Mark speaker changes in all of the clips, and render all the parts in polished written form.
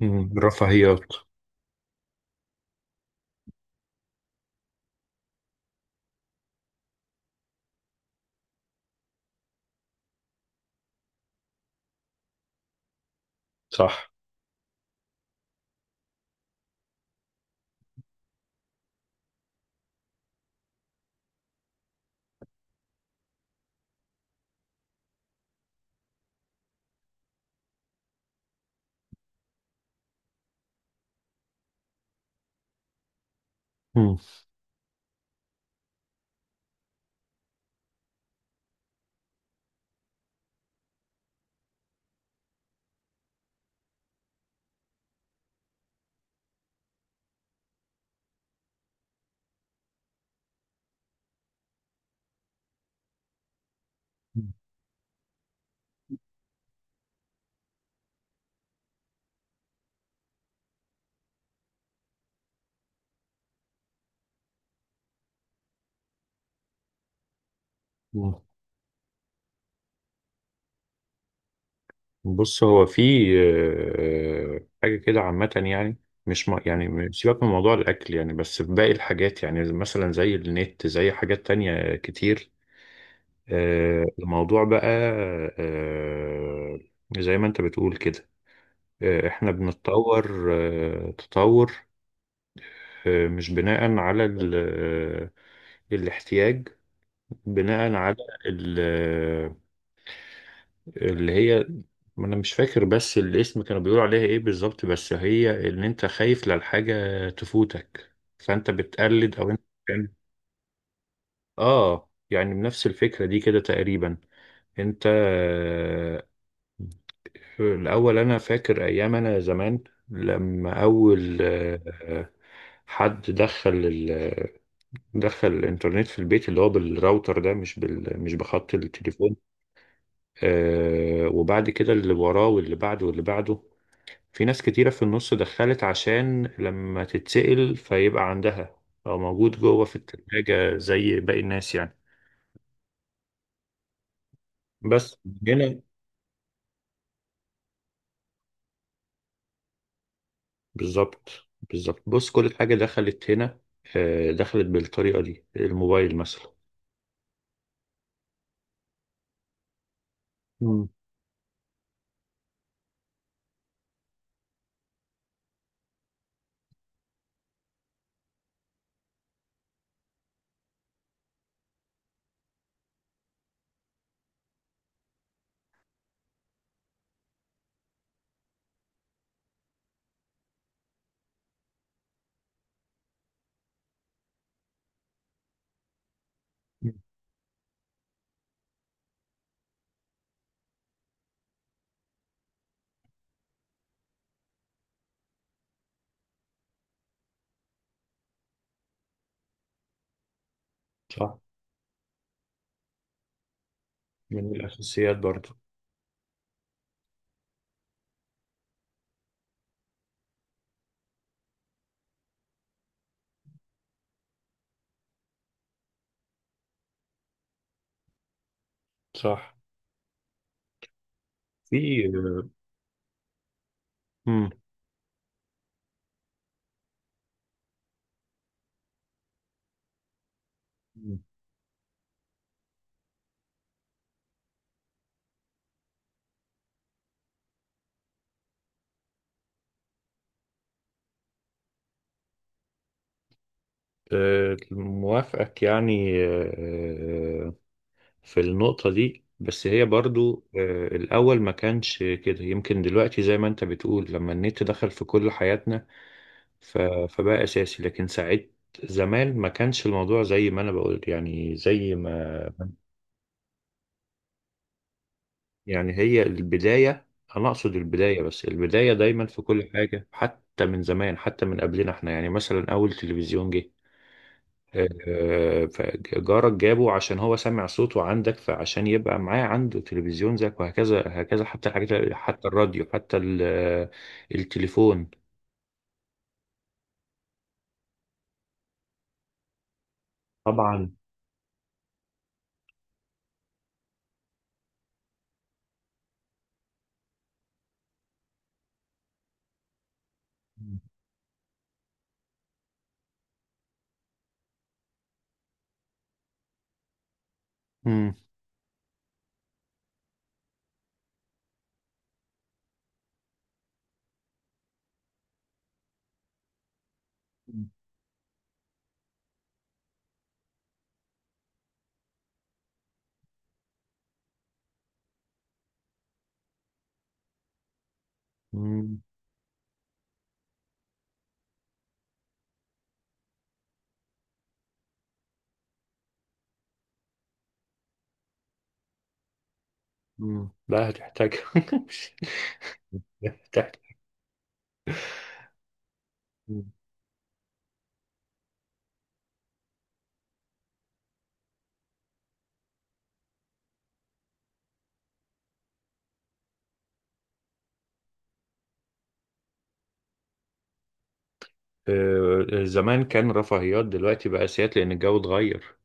Speaker 1: مم. رفاهيات. صح. مم. مم. بص، هو في حاجة كده عامة يعني. مش م... يعني سيبك من موضوع الأكل يعني، بس في باقي الحاجات يعني، مثلا زي النت، زي حاجات تانية كتير. الموضوع بقى آه، زي ما أنت بتقول كده، إحنا بنتطور تطور، مش بناء على ال... آه، الاحتياج، بناء على ال... اللي هي، ما انا مش فاكر بس الاسم كانوا بيقولوا عليها ايه بالظبط، بس هي ان انت خايف للحاجة تفوتك، فانت بتقلد او انت اه، يعني بنفس الفكرة دي كده تقريبا. انت الاول انا فاكر ايام انا زمان لما اول حد دخل الانترنت في البيت، اللي هو بالراوتر ده، مش بخط التليفون. آه، وبعد كده اللي وراه واللي بعده واللي بعده، في ناس كتيرة في النص دخلت عشان لما تتسأل فيبقى عندها، أو موجود جوه في التلاجة زي باقي الناس يعني. بس هنا بالظبط. بالظبط، بص كل حاجة دخلت هنا دخلت بالطريقة دي، الموبايل مثلا. مم. صح، من الأساسيات برضو. صح. في مم. موافقك يعني، في النقطة دي، بس هي برضو الأول ما كانش كده، يمكن دلوقتي زي ما أنت بتقول، لما النت دخل في كل حياتنا، ف- فبقى أساسي. لكن ساعات زمان ما كانش الموضوع زي ما أنا بقول يعني، زي ما يعني، هي البداية. أنا أقصد البداية، بس البداية دايما في كل حاجة، حتى من زمان حتى من قبلنا إحنا يعني. مثلا أول تلفزيون جه، فجارك جابه عشان هو سمع صوته عندك، فعشان يبقى معاه عنده تلفزيون زيك، وهكذا هكذا، حتى الحاجات، حتى الراديو، حتى التليفون. طبعا. مم. مم. مم. لا، هتحتاج. هتحتاج. زمان كان رفاهيات، دلوقتي بقى أساسيات لأن الجو اتغير.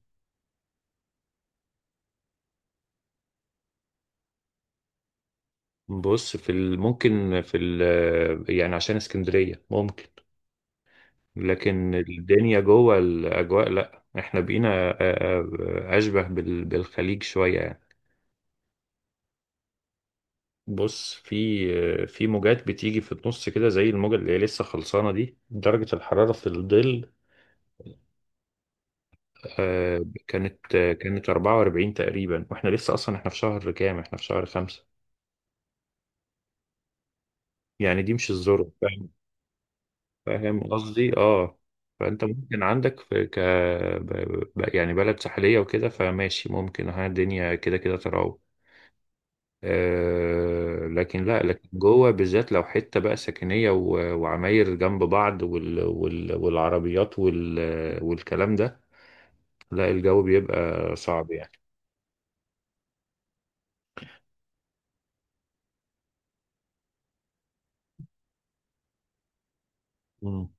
Speaker 1: بص في ممكن في يعني عشان اسكندرية ممكن، لكن الدنيا جوه الأجواء لأ، إحنا بقينا أشبه بالخليج شوية يعني. بص، في موجات بتيجي في النص كده، زي الموجة اللي هي لسه خلصانة دي، درجة الحرارة في الظل كانت 44 تقريبا، واحنا لسه أصلا، احنا في شهر كام؟ احنا في شهر خمسة. يعني دي مش الذروة، فاهم؟ فاهم قصدي، اه. فأنت ممكن عندك في يعني بلد ساحلية وكده، فماشي، ممكن ها الدنيا كده كده تراوح، لكن لا، لكن جوه بالذات لو حته بقى سكنيه وعماير جنب بعض والعربيات والكلام ده، لا الجو بيبقى صعب يعني. مم.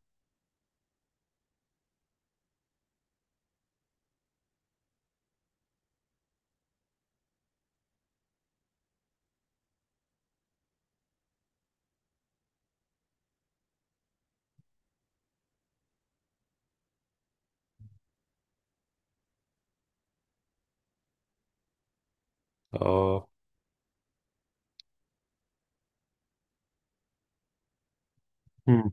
Speaker 1: اه. مم.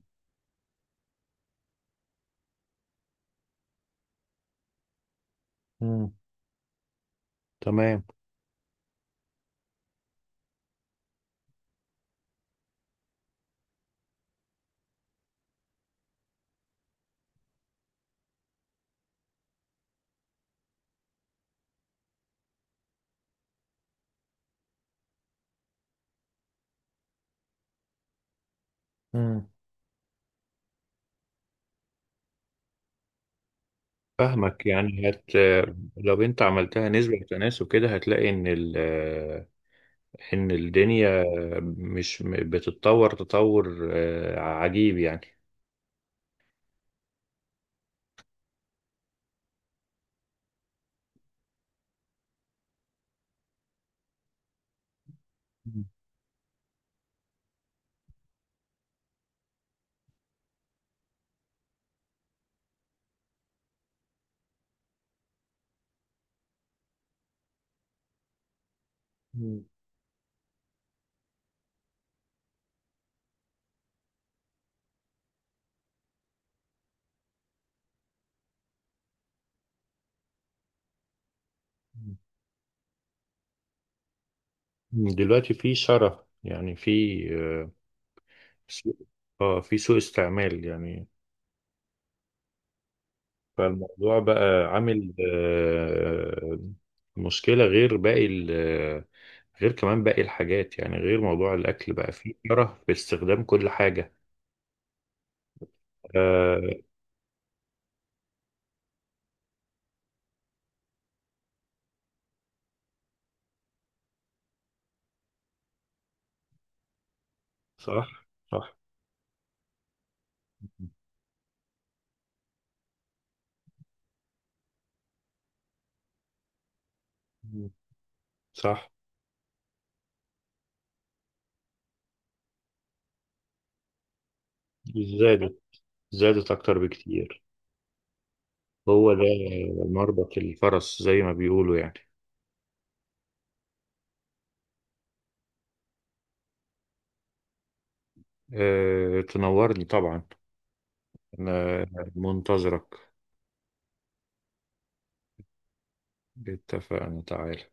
Speaker 1: مم. تمام. مم. فاهمك يعني، هت لو انت عملتها نسبة وتناسب كده هتلاقي ان ان الدنيا مش بتتطور تطور عجيب يعني. مم. دلوقتي في شره يعني، في آه، سوء، اه في سوء استعمال يعني. فالموضوع بقى عامل مشكلة غير باقي غير كمان باقي الحاجات يعني، غير موضوع الأكل بقى فيه شره في استخدام كل حاجة. آه، صح، صح. صح. زادت، زادت أكتر بكتير. هو ده مربط الفرس زي ما بيقولوا يعني. أه، تنورني طبعا، أنا منتظرك. اتفقنا، تعال.